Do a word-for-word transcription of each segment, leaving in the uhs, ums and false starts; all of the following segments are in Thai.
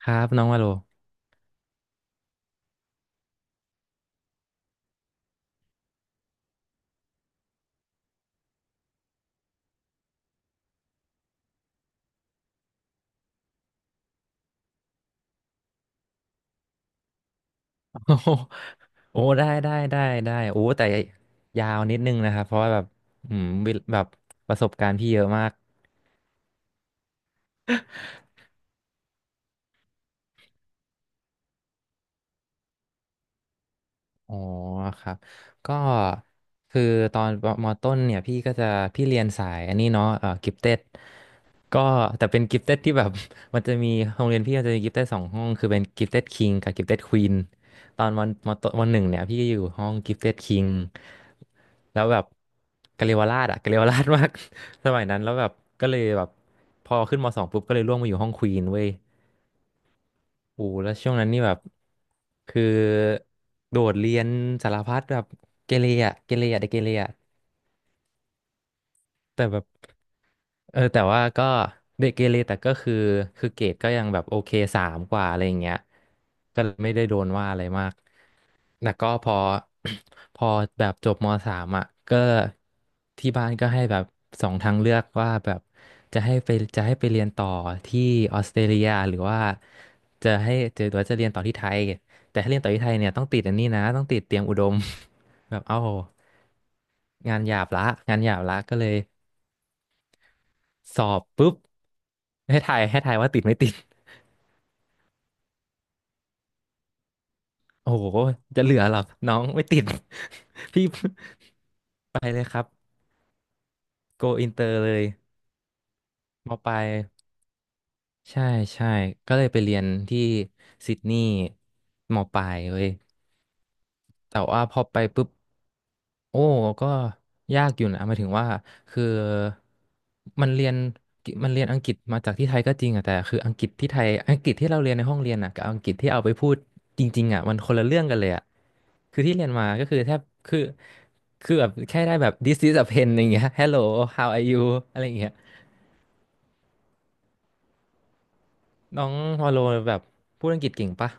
ครับน้องว่าโล โอ้โหโอ้ได้ได้ได้ได้ โอ้แต่ยาวนิดนึงนะครับ เพราะว่าแบบอืมวิแบบประสบการณ์พี่เยอะมาก อ๋อครับก็คือตอนมต้นเนี่ยพี่ก็จะพี่เรียนสายอันนี้เนาะเอ่อกิฟเต็ดก็แต่เป็นกิฟเต็ดที่แบบ มันจะมีโรงเรียนพี่มันจะมีกิฟเต็ดสองห้องคือเป็นกิฟเต็ดคิงกับกิฟเต็ดควีนตอนวันมต้นวันหนึ่งเนี่ยพี่อยู่ห้องกิฟเต็ดคิงแล้วแบบกะเรียวราชอะกะเรียวราชมาก สมัยนั้นแล้วแบบก็เลยแบบพอขึ้นมสองปุ๊บก็เลยร่วงมาอยู่ห้องควีนเว้ย โอ้แล้วช่วงนั้นนี่แบบคือโดดเรียนสารพัดแบบเกเรอะเกเรอะเด็กเกเรอะแต่แบบเออแต่ว่าก็เด็กเกเรแต่ก็คือคือเกรดก็ยังแบบโอเคสามกว่าอะไรอย่างเงี้ยก็เลยไม่ได้โดนว่าอะไรมาก แล้วก็พอ พอแบบจบมสามอ่ะก็ที่บ้านก็ให้แบบสองทางเลือกว่าแบบจะให้ไปจะให้ไปเรียนต่อที่ออสเตรเลียหรือว่าจะให้จะหรือว่าจะเรียนต่อที่ไทยแต่ถ้าเรียนต่อที่ไทยเนี่ยต้องติดอันนี้นะต้องติดเตรียมอุดม แบบเอ้างานหยาบละงานหยาบละก็เลยสอบปุ๊บให้ทายให้ทายว่าติดไม่ติดโอ้โหจะเหลือหรอน้องไม่ติด พี่ไปเลยครับโกอินเตอร์เลยมปลาย ใช่ใช่ก็เลยไปเรียนที่ซิดนีย์มปลายเว้ยแต่ว่าพอไปปุ๊บโอ้ก็ยากอยู่นะหมายถึงว่าคือมันเรียนมันเรียนอังกฤษมาจากที่ไทยก็จริงอะแต่คืออังกฤษที่ไทยอังกฤษที่เราเรียนในห้องเรียนอะกับอังกฤษที่เอาไปพูดจริงๆอะมันคนละเรื่องกันเลยอะคือที่เรียนมาก็คือแทบคือคือแบบแค่ได้แบบ this is a pen อย่างเงี้ย hello how are you อะไรอย่างเงี้ยน้องวาโลแบบพูดอังกฤษเก่งปะ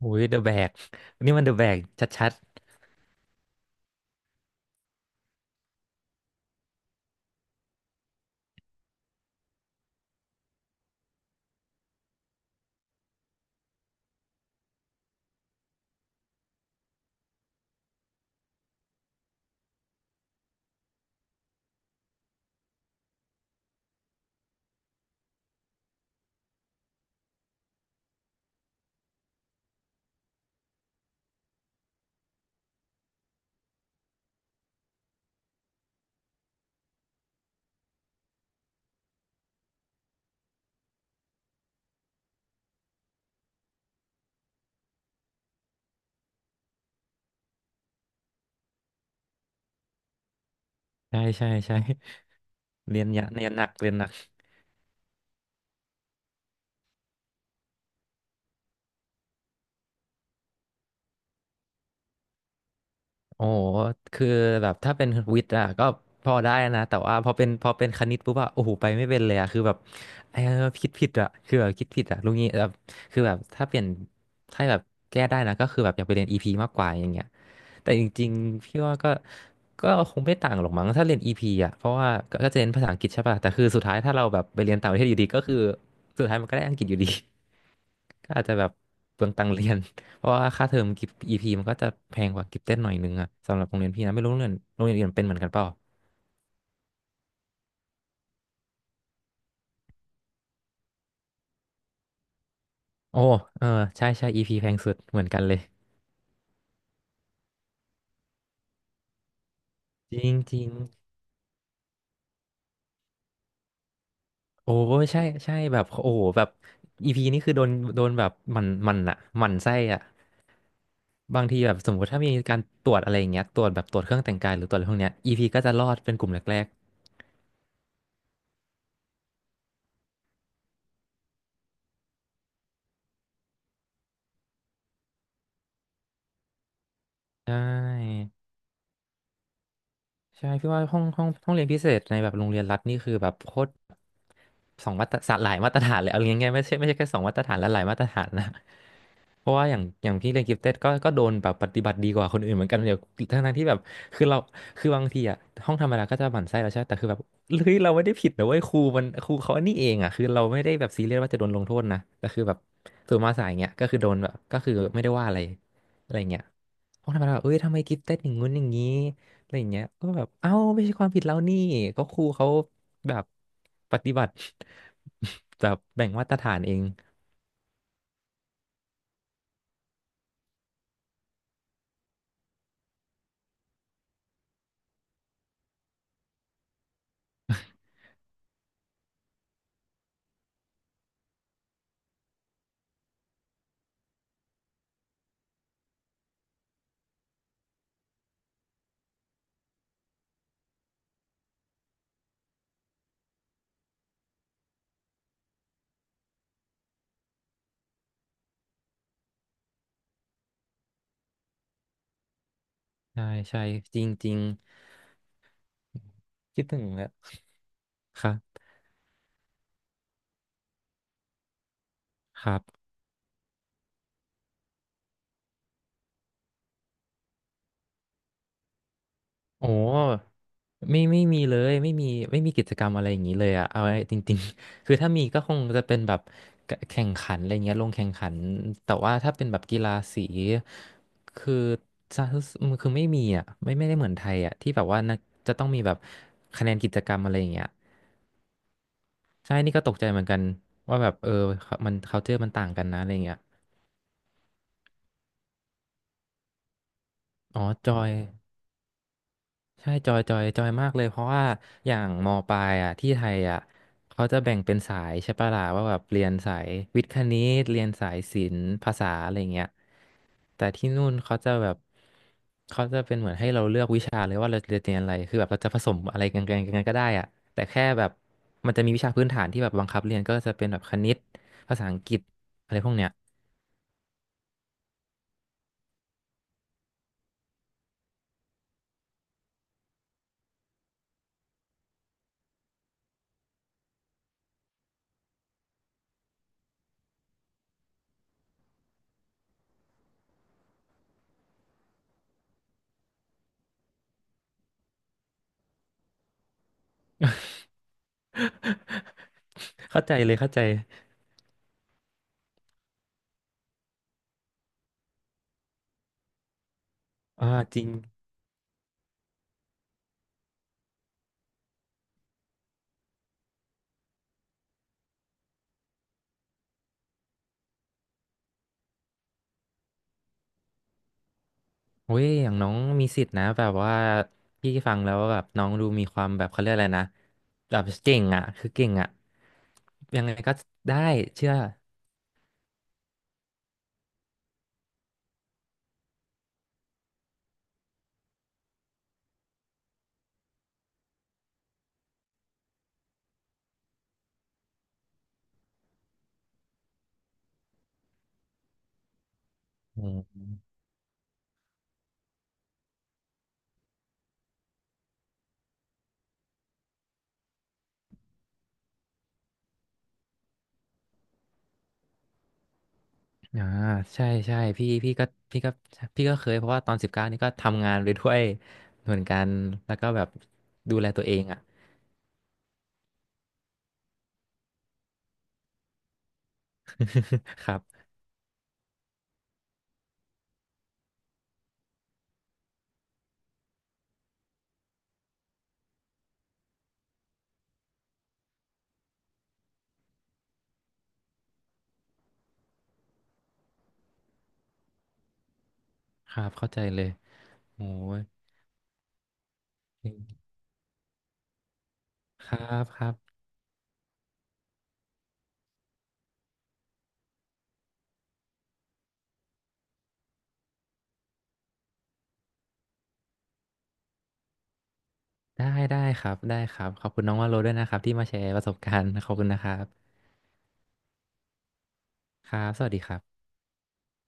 อุ้ยเดอะแบกนี่มันเดอะแบกชัดๆใช่ใช่ใช่เรียนยะเรียนหนักเรียนหนักโอ้โหคือแบบถ้าเป็นวิทย์อะก็พอได้นะแต่ว่าพอเป็นพอเป็นคณิตปุ๊บอะโอ้โหไปไม่เป็นเลยอะคือแบบเออคิดผิดอะคือแบบคิดผิดอะรู้งี้แบบคือแบบถ้าเปลี่ยนถ้าแบบแก้ได้นะก็คือแบบอยากไปเรียนอีพีมากกว่าอย่างเงี้ยแต่จริงๆพี่ว่าก็ก็คงไม่ต่างหรอกมั้งถ้าเรียน อี พี อ่ะเพราะว่าก็ก็จะเรียนภาษาอังกฤษใช่ป่ะแต่คือสุดท้ายถ้าเราแบบไปเรียนต่างประเทศอยู่ดีก็คือสุดท้ายมันก็ได้อังกฤษอยู่ดี ก็อาจจะแบบเปลืองตังค์เรียน เพราะว่าค่าเทอมกิฟต์ อี พี มันก็จะแพงกว่ากิฟเต็ดหน่อยนึงอะสำหรับโรงเรียนพี่นะไม่รู้โรงเรียนโรงเรียนอื่นเป็นเหมือนกันเปล่าโอ้เออใช่ใช่ อี พี แพงสุดเหมือนกันเลยจริงจริงโอ้ใช่ใช่แบบโอ้โหแบบ อี พี นี่คือโดนโดนแบบหมันหมันอะหมันไส้อะบางทีแบบสมมติถ้ามีการตรวจอะไรอย่างเงี้ยตรวจแบบตรวจเครื่องแต่งกายหรือตรวจอะไรพวกเนี้ย อี พี ก็จะรอดเป็นกลุ่มแรกๆใช่ ใช่พี่ว่าห้องห้องห้องเรียนพิเศษในแบบโรงเรียนรัฐนี่คือแบบโคตรสองมาตรฐานหลายมาตรฐานเลยเอาง่ายๆไม่ใช่ไม่ใช่แค่สองมาตรฐานและหลายมาตรฐานนะเพราะว่าอย่างอย่างพี่เรียนกิฟเต็ดก็ก็โดนแบบปฏิบัติดีกว่าคนอื่นเหมือนกันเดี๋ยวทั้งๆที่แบบคือเราคือบางทีอะห้องธรรมดาก็จะหมั่นไส้เราใช่ไหมแต่คือแบบเฮ้ยเราไม่ได้ผิดนะเว้ยครูมันครูเขาอันนี้เองอะคือเราไม่ได้แบบซีเรียสว่าจะโดนลงโทษนะแต่คือแบบส่วนมาสายเงี้ยก็คือโดนแบบก็คือไม่ได้ว่าอะไรอะไรเงี้ยห้องธรรมดาแบบเอ้ยทำไมกิฟเต็ดอย่างงู้นอย่างงี้ อะไรอย่างเงี้ยก็แบบเอ้าไม่ใช่ความผิดเรานี่ก็ครูเขาแบบปฏิบัติ แบบแบ่งมาตรฐานเองใช่ใช่จริงจริงคิดถึงแล้วครับครับโอ้ไม่ไม่มีเลยไม่มีไม่มีกิจกรรมอะไรอย่างนี้เลยอะเอาไว้จริงๆ คือถ้ามีก็คงจะเป็นแบบแข่งขันอะไรเงี้ยลงแข่งขันแต่ว่าถ้าเป็นแบบกีฬาสีคือจะคือไม่มีอะไม่ไม่ได้เหมือนไทยอะที่แบบว่านักจะต้องมีแบบคะแนนกิจกรรมอะไรอย่างเงี้ย ใช่นี่ก็ตกใจเหมือนกันว่าแบบเออามัน culture มันต่างกันนะอะไรเงี้ยอ๋อจอยใช่จอยจอยจอยมากเลย เพราะว่าอย่างมปลายอ่ะที่ไทยอ่ะเขาจะแบ่งเป็นสายใช่ปะล่ะว่าแบบเรียนสายวิทย์คณิตเรียนสายศิลป์ภาษาอะไรเงี้ยแต่ที่นู่นเขาจะแบบเขาจะเป็นเหมือนให้เราเลือกวิชาเลยว่าเราจะเรียนอะไรคือแบบเราจะผสมอะไรกันกันกันก็ได้อ่ะแต่แค่แบบมันจะมีวิชาพื้นฐานที่แบบบังคับเรียนก็จะเป็นแบบคณิตภาษาอังกฤษอะไรพวกเนี้ย เข้าใจเลยเข้าใจอ่าจริงเว้ยอย่างน้องมีสิทธิ์นะแบบว่าพี่ฟังแล้วแบบน้องดูมีความแบบเขาเรียกอะไรนะแบบเก่งอ่ะคือเก่งอ่ะยังไงก็ได้เชื่ออืมอ่าใช่ใช่พี่พี่ก็พี่ก็พี่ก็เคยเพราะว่าตอนสิบเก้านี่ก็ทำงานไปด้วยเหมือนกันแล้วก็แบบดูแลตัวเองอ่ะ ครับครับเข้าใจเลยโอ้ยครับครับ ได้ได้ครับได้ครับขอบคุณน้องวาโลด้วยนะครับที่มาแชร์ประสบการณ์ขอบคุณนะครับครับสวัสดีครับ